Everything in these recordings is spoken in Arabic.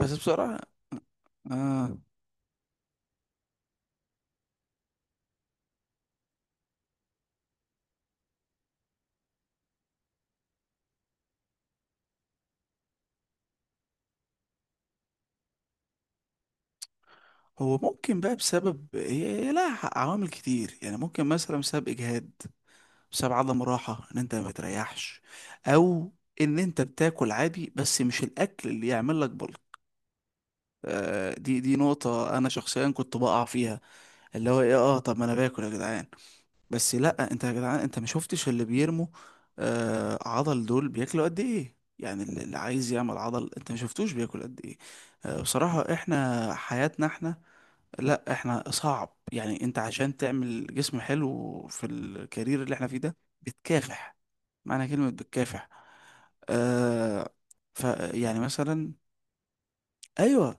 بس بصراحة. آه. هو ممكن بقى بسبب هي لها عوامل كتير، يعني ممكن مثلا بسبب إجهاد، بسبب عدم راحة إن أنت ما بتريحش، أو إن أنت بتاكل عادي بس مش الأكل اللي يعمل لك بلك. دي نقطة أنا شخصيا كنت بقع فيها، اللي هو إيه، طب ما أنا باكل يا جدعان. بس لأ، أنت يا جدعان أنت ما شفتش اللي بيرموا عضل دول بياكلوا قد إيه. يعني اللي عايز يعمل عضل أنت ما شفتوش بياكل قد إيه. بصراحة إحنا حياتنا إحنا، لا احنا صعب، يعني انت عشان تعمل جسم حلو في الكارير اللي احنا فيه ده بتكافح معنى كلمة بتكافح. آه. ف يعني مثلا. ايوه.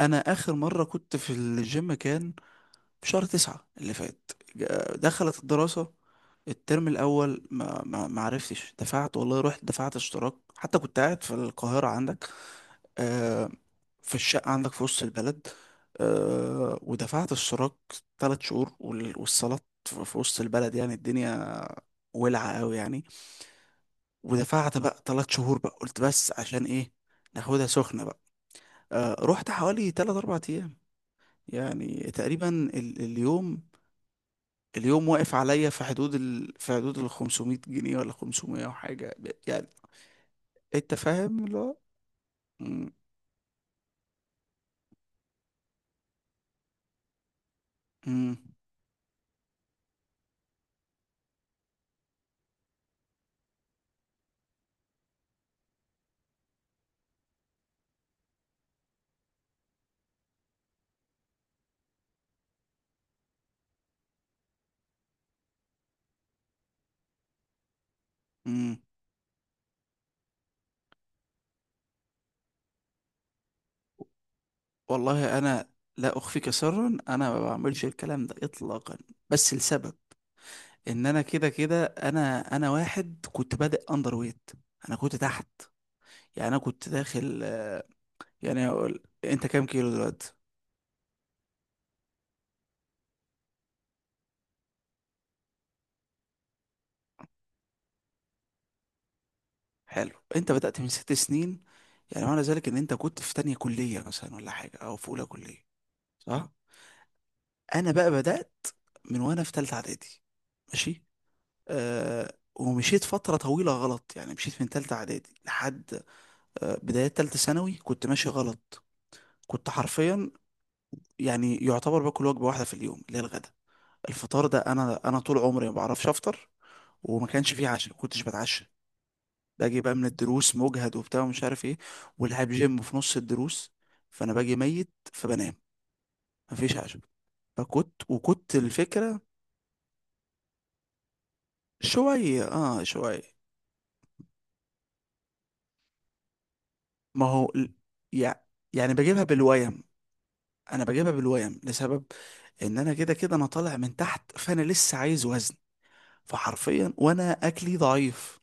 انا اخر مرة كنت في الجيم كان في شهر تسعة اللي فات، دخلت الدراسة. الترم الاول ما عرفتش دفعت، والله رحت دفعت اشتراك، حتى كنت قاعد في القاهرة عندك، آه، في الشقة عندك في وسط البلد. ودفعت اشتراك تلات شهور، والصالات في وسط البلد يعني الدنيا ولعة قوي يعني. ودفعت بقى تلات شهور، بقى قلت بس عشان ايه ناخدها سخنة بقى. رحت حوالي تلات أربع أيام، يعني تقريبا اليوم. اليوم واقف عليا في حدود ال في حدود ال 500 جنيه ولا 500 وحاجة يعني. انت فاهم اللي هو. مم، مم. والله انا، لا اخفيك سرا، انا ما بعملش الكلام ده اطلاقا، بس لسبب ان انا كده كده انا واحد كنت بادئ اندر ويت. انا كنت تحت، يعني انا كنت داخل. يعني اقول انت كام كيلو دلوقتي؟ حلو، انت بدأت من ست سنين، يعني معنى ذلك ان انت كنت في تانية كلية مثلا ولا حاجة او في اولى كلية؟ صح. انا بقى بدأت من وانا في تالتة اعدادي. ماشي. ومشيت فترة طويلة غلط، يعني مشيت من تالتة اعدادي لحد بداية تالتة ثانوي كنت ماشي غلط. كنت حرفيا، يعني يعتبر باكل وجبة واحدة في اليوم اللي هي الغدا. الفطار ده أنا طول عمري ما بعرفش أفطر، وما كانش فيه عشاء، ما كنتش بتعشى. باجي بقى من الدروس مجهد وبتاع ومش عارف إيه، والعب جيم في نص الدروس، فأنا باجي ميت فبنام، مفيش عشاء. فكنت وكنت الفكرة. شوية شوية. ما هو ال- يع- يعني بجيبها بالويم. أنا بجيبها بالويم لسبب إن أنا كده كده أنا طالع من تحت، فأنا لسه عايز وزن، فحرفيا وانا اكلي ضعيف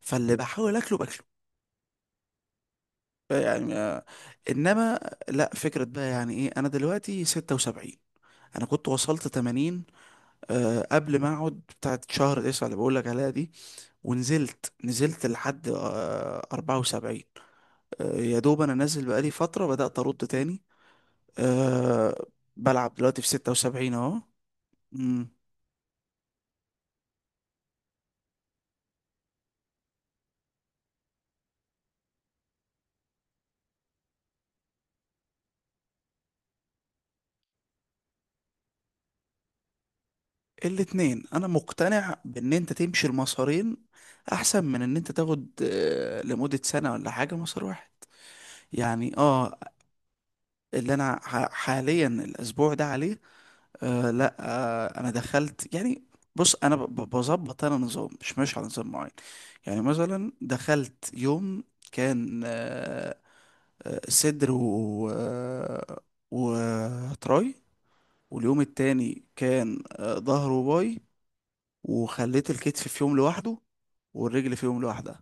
فاللي بحاول اكله باكله. يعني انما، لا فكرة بقى يعني ايه، انا دلوقتي 76، انا كنت وصلت 80 قبل ما اقعد بتاعت شهر 9 اللي بقول لك عليها دي، ونزلت نزلت لحد 74. يا دوب انا نازل بقالي فترة بدأت ارد تاني. آه، بلعب دلوقتي في 76 اهو. الاتنين، انا مقتنع بان انت تمشي المسارين احسن من ان انت تاخد لمدة سنة ولا حاجة مسار واحد يعني. اه. اللي انا حاليا الاسبوع ده عليه، آه لا آه انا دخلت يعني. بص انا بظبط انا نظام، مش ماشي على نظام معين. يعني مثلا دخلت يوم كان صدر و آه، وتراي، واليوم التاني كان ظهر وباي، وخليت الكتف في يوم لوحده، والرجل فيهم لوحدها.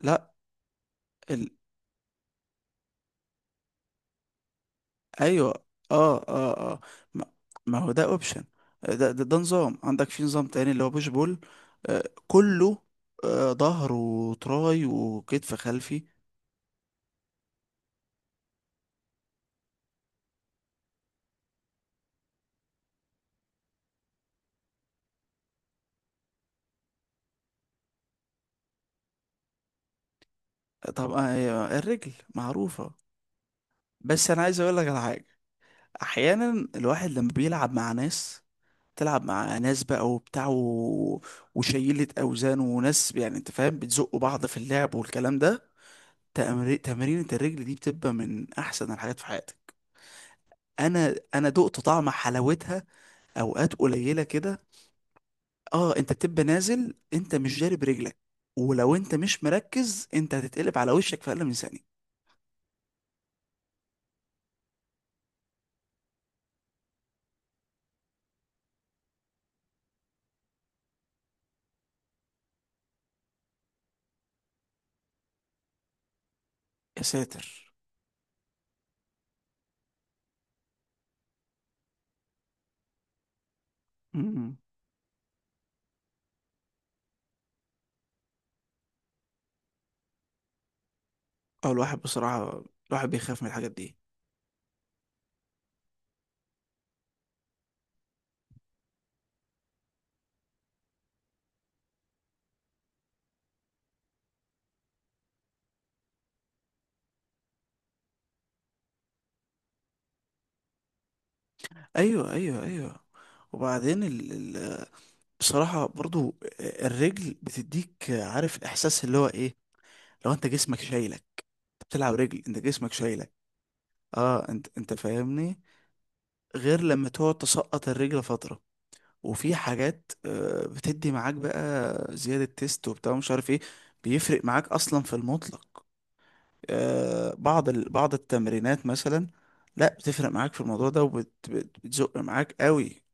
لا. ال... ايوه اه اه اه. ما, ما هو ده اوبشن، ده نظام، عندك في نظام تاني اللي هو بوش بول. كله. ظهر وتراي وكتف خلفي. طبعا. الرجل معروفة. بس انا عايز اقول لك على حاجة، احيانا الواحد لما بيلعب مع ناس، تلعب مع ناس بقى وبتاع وشيلة اوزان وناس، يعني انت فاهم بتزقوا بعض في اللعب والكلام ده. تمرينة الرجل دي بتبقى من احسن الحاجات في حياتك. انا دقت طعم حلاوتها اوقات قليله كده. اه، انت بتبقى نازل انت مش جارب رجلك، ولو انت مش مركز انت هتتقلب على وشك في اقل من ثانيه. يا ساتر. امم. اه، الواحد بصراحه الواحد بيخاف من الحاجات دي. ايوه ايوه ايوه. وبعدين ال... بصراحه برضو الرجل بتديك، عارف احساس اللي هو ايه، لو انت جسمك شايلك، انت بتلعب رجل انت جسمك شايلك. اه. انت فاهمني، غير لما تقعد تسقط الرجل فترة، وفي حاجات بتدي معاك بقى زيادة تيست وبتاع مش عارف ايه، بيفرق معاك اصلا في المطلق. بعض بعض التمرينات مثلا، لا، بتفرق معاك في الموضوع ده وبتزق معاك قوي.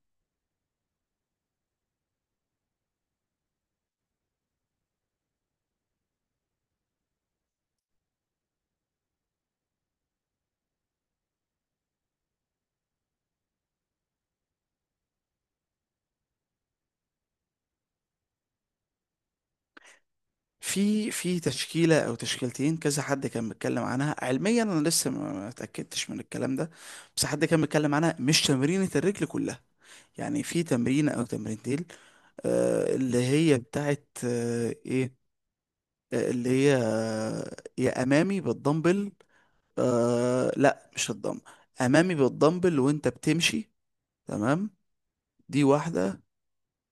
في تشكيلة او تشكيلتين، كذا حد كان بيتكلم عنها علميا، انا لسه ما اتأكدتش من الكلام ده، بس حد كان بيتكلم عنها مش تمرينة الرجل كلها، يعني في تمرين او تمرينتين، اللي هي بتاعت ايه، اللي هي يا امامي بالدمبل. لا مش الدمبل، امامي بالدمبل وانت بتمشي، تمام. دي واحدة،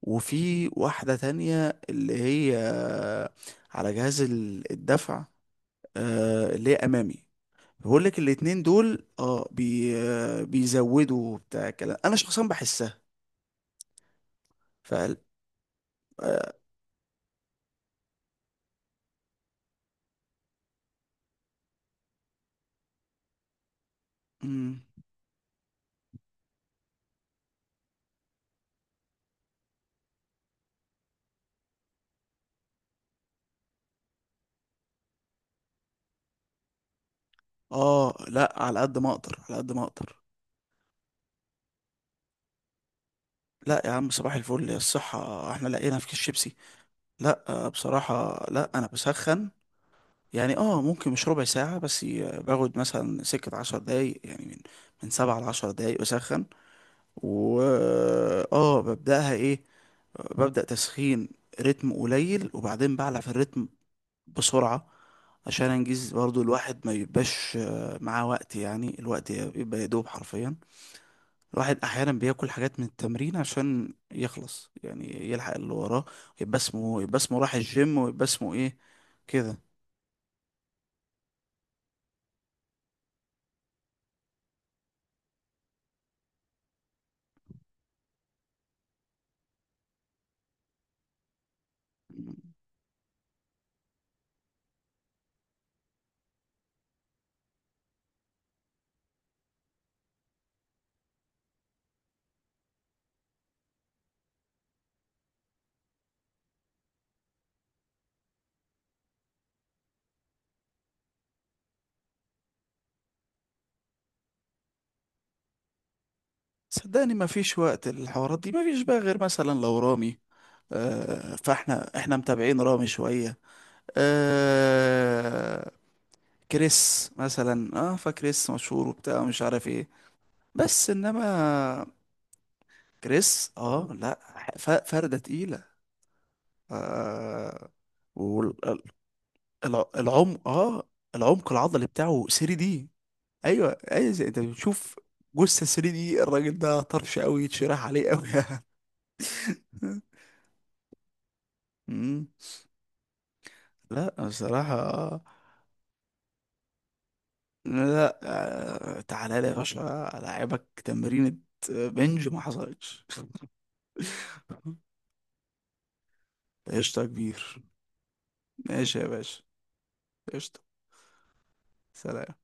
وفي واحدة تانية اللي هي على جهاز الدفع، اللي هي امامي. بقول لك الاتنين دول اه بي آه، بيزودوا بتاع كلام، انا شخصيا بحسها. فقال. آه, مم. اه لا، على قد ما اقدر، على قد ما اقدر. لا يا عم صباح الفل الصحة، احنا لقينا في كيس شيبسي. لا، بصراحة، لا انا بسخن يعني، ممكن مش ربع ساعة بس، باخد مثلا سكة عشر دقايق، يعني من من سبعة لعشر دقايق بسخن. و اه ببدأها ايه، ببدأ تسخين رتم قليل، وبعدين بعلى في الرتم بسرعة، عشان انجز برضو الواحد ما يبقاش معاه وقت، يعني الوقت بيبقى يدوب حرفيا. الواحد احيانا بياكل حاجات من التمرين عشان يخلص، يعني يلحق اللي وراه، يبقى اسمه راح الجيم، ويبقى اسمه ايه كده. صدقني ما فيش وقت الحوارات دي، ما فيش بقى غير مثلا لو رامي، فاحنا متابعين رامي شوية. آه كريس مثلا، فكريس مشهور وبتاع مش عارف ايه. بس انما كريس، لا، فردة تقيلة. آه العمق، العمق العضلي بتاعه 3 دي. ايوه ايوه، زي انت بتشوف جثه 3 دي، الراجل ده طرش قوي، يتشرح عليه قوي. مم. لا بصراحه. لا، تعالى لي يا باشا العبك تمرينة بنج ما حصلتش. قشطه يا كبير. ماشي يا باشا. قشطه. سلام.